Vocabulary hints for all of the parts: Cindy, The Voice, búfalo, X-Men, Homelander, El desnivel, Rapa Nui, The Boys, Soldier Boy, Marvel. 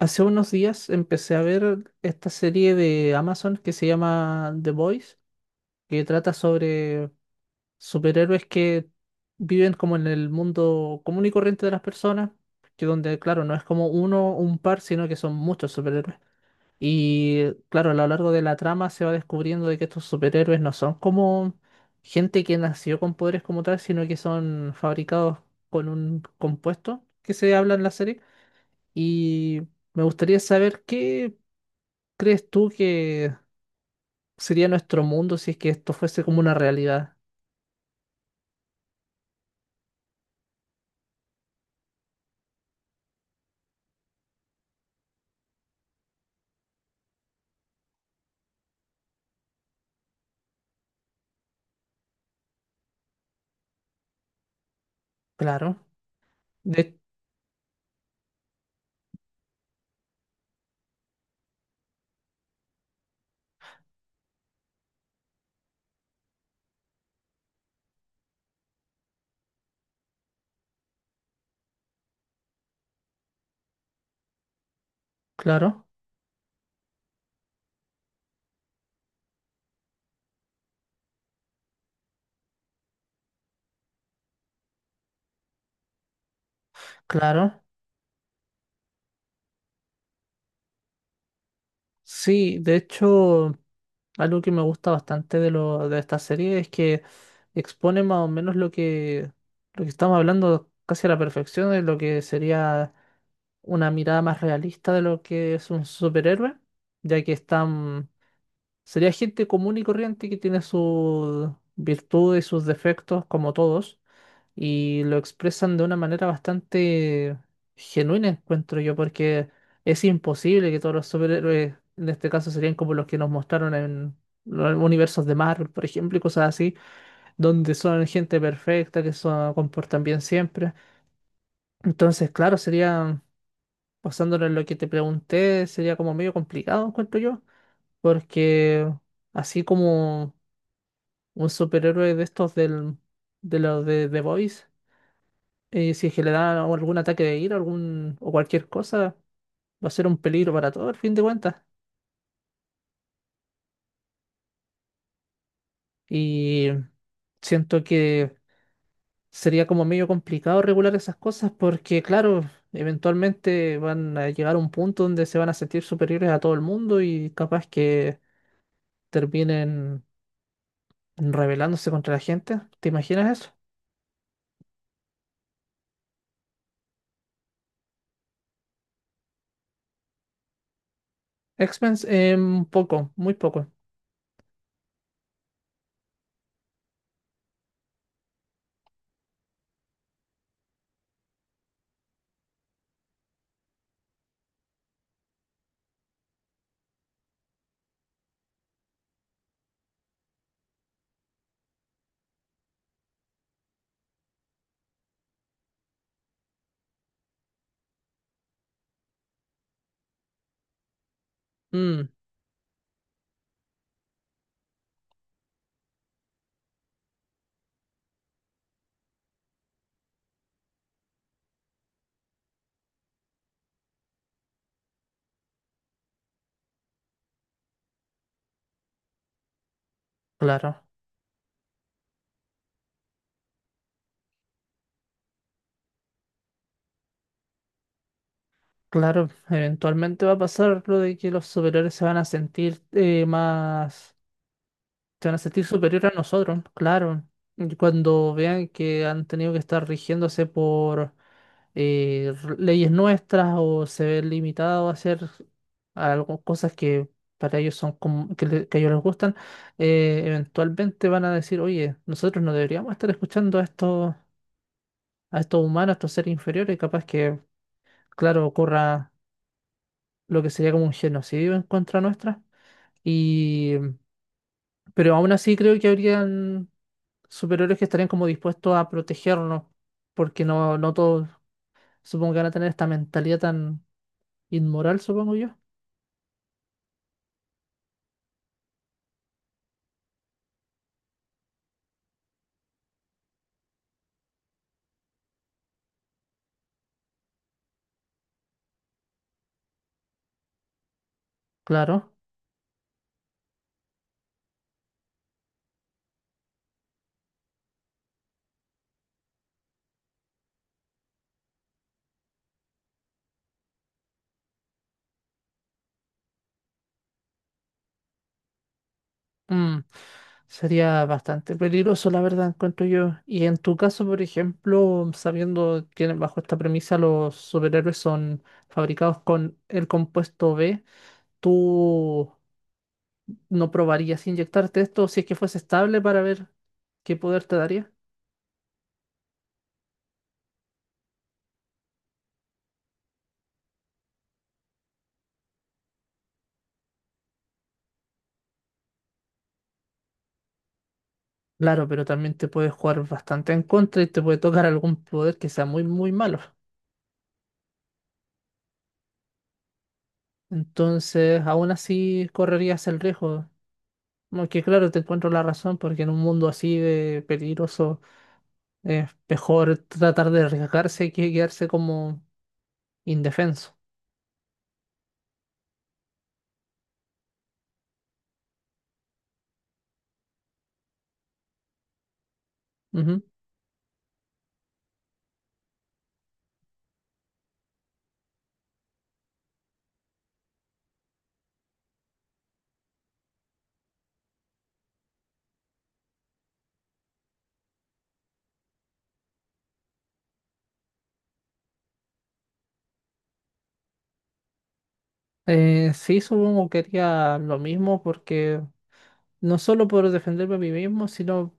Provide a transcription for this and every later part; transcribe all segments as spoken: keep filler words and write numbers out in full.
Hace unos días empecé a ver esta serie de Amazon que se llama The Boys, que trata sobre superhéroes que viven como en el mundo común y corriente de las personas, que donde, claro, no es como uno o un par, sino que son muchos superhéroes. Y claro, a lo largo de la trama se va descubriendo de que estos superhéroes no son como gente que nació con poderes como tal, sino que son fabricados con un compuesto que se habla en la serie. Y me gustaría saber qué crees tú que sería nuestro mundo si es que esto fuese como una realidad. Claro, de, claro, claro. Sí, de hecho, algo que me gusta bastante de lo, de esta serie es que expone más o menos lo que, lo que estamos hablando casi a la perfección de lo que sería una mirada más realista de lo que es un superhéroe, ya que están, sería gente común y corriente que tiene sus virtudes y sus defectos como todos y lo expresan de una manera bastante genuina, encuentro yo, porque es imposible que todos los superhéroes, en este caso, serían como los que nos mostraron en los universos de Marvel, por ejemplo, y cosas así, donde son gente perfecta, que se comportan bien siempre. Entonces, claro, sería, basándolo en lo que te pregunté, sería como medio complicado, encuentro yo, porque así como un superhéroe de estos del, de los de The Boys eh, si es que le dan algún ataque de ira algún, o cualquier cosa, va a ser un peligro para todo, al fin de cuentas. Y siento que sería como medio complicado regular esas cosas porque, claro, eventualmente van a llegar a un punto donde se van a sentir superiores a todo el mundo y capaz que terminen rebelándose contra la gente. ¿Te imaginas eso? X-Men, eh, un poco, muy poco. Mm, claro. Claro, eventualmente va a pasar lo de que los superiores se van a sentir eh, más, se van a sentir superior a nosotros, claro. Y cuando vean que han tenido que estar rigiéndose por eh, r- leyes nuestras o se ven limitados a hacer algo, cosas que para ellos son como- que, le- que a ellos les gustan, eh, eventualmente van a decir, oye, nosotros no deberíamos estar escuchando a estos, a estos humanos, a estos seres inferiores, capaz que, claro, ocurra lo que sería como un genocidio en contra nuestra. Y, pero aún así creo que habrían superhéroes que estarían como dispuestos a protegernos, porque no, no todos supongo que van a tener esta mentalidad tan inmoral, supongo yo. Claro. Mm, sería bastante peligroso, la verdad, encuentro yo. Y en tu caso, por ejemplo, sabiendo que bajo esta premisa los superhéroes son fabricados con el compuesto B, ¿tú no probarías inyectarte esto si es que fuese estable para ver qué poder te daría? Claro, pero también te puede jugar bastante en contra y te puede tocar algún poder que sea muy, muy malo. Entonces, aún así correrías el riesgo. Aunque claro, te encuentro la razón, porque en un mundo así de peligroso es mejor tratar de arriesgarse que quedarse como indefenso. Ujú. Eh, sí, supongo que haría lo mismo porque no solo por defenderme a mí mismo, sino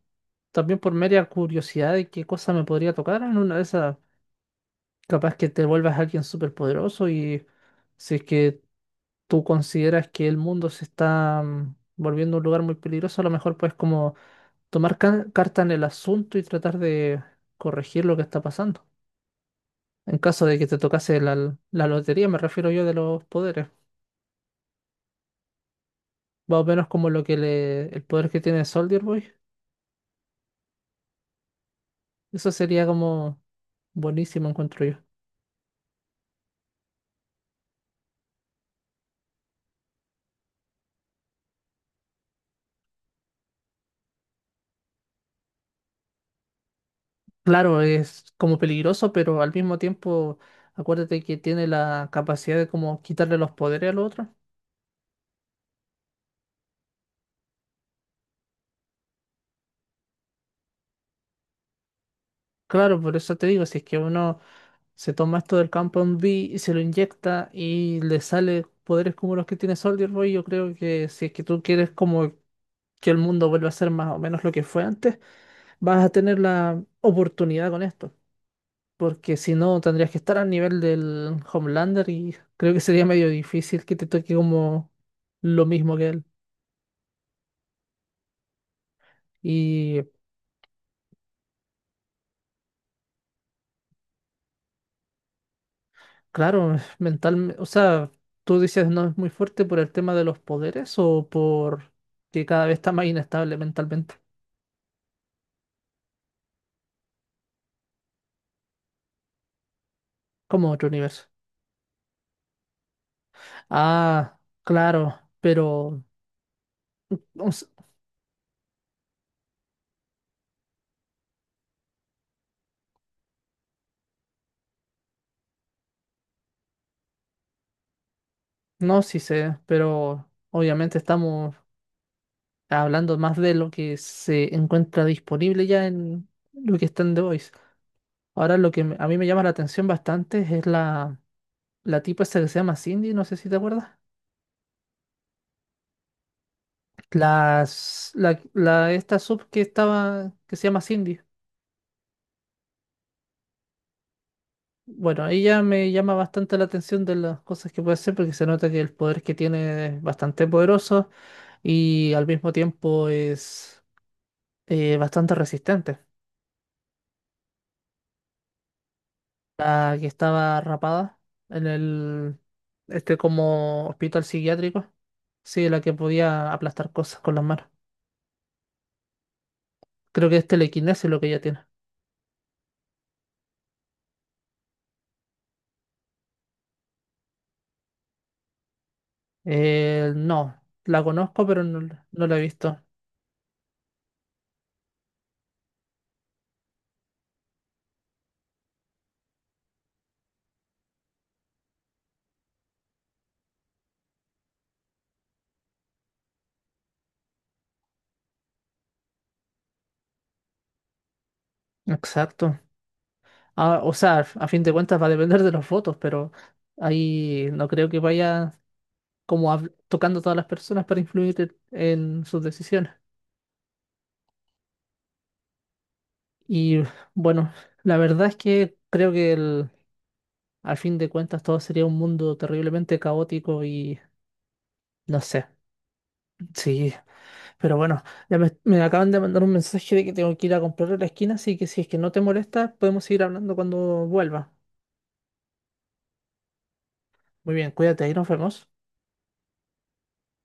también por mera curiosidad de qué cosa me podría tocar en una de esas. Capaz que te vuelvas alguien súper poderoso y si es que tú consideras que el mundo se está mm, volviendo un lugar muy peligroso, a lo mejor puedes como tomar ca- carta en el asunto y tratar de corregir lo que está pasando. En caso de que te tocase la, la lotería, me refiero yo de los poderes. Más o menos como lo que le, el poder que tiene Soldier Boy. Eso sería como buenísimo, encuentro yo. Claro, es como peligroso, pero al mismo tiempo, acuérdate que tiene la capacidad de como quitarle los poderes al otro. Claro, por eso te digo, si es que uno se toma esto del campo en B y se lo inyecta y le sale poderes como los que tiene Soldier Boy, yo creo que si es que tú quieres como que el mundo vuelva a ser más o menos lo que fue antes, vas a tener la oportunidad con esto. Porque si no, tendrías que estar al nivel del Homelander y creo que sería medio difícil que te toque como lo mismo que él. Y claro, mental, o sea, tú dices no es muy fuerte por el tema de los poderes o por que cada vez está más inestable mentalmente, como otro universo. Ah, claro, pero o s- no, sí sé, pero obviamente estamos hablando más de lo que se encuentra disponible ya en lo que está en The Voice. Ahora lo que me- a mí me llama la atención bastante es la, la tipa esa que se llama Cindy, no sé si te acuerdas. Las, la, la- esta sub que estaba, que se llama Cindy. Bueno, ella me llama bastante la atención de las cosas que puede hacer porque se nota que el poder que tiene es bastante poderoso y al mismo tiempo es eh, bastante resistente. La que estaba rapada en el, este como hospital psiquiátrico. Sí, la que podía aplastar cosas con las manos. Creo que es telequinesis lo que ella tiene. Eh, no, la conozco, pero no, no la he visto. Exacto. Ah, o sea, a fin de cuentas va a depender de los votos, pero ahí no creo que vaya como hab- tocando a todas las personas para influir en sus decisiones. Y bueno, la verdad es que creo que el, a fin de cuentas todo sería un mundo terriblemente caótico y no sé. Sí, pero bueno, ya me, me acaban de mandar un mensaje de que tengo que ir a comprar a la esquina, así que si es que no te molesta, podemos seguir hablando cuando vuelva. Muy bien, cuídate, ahí nos vemos.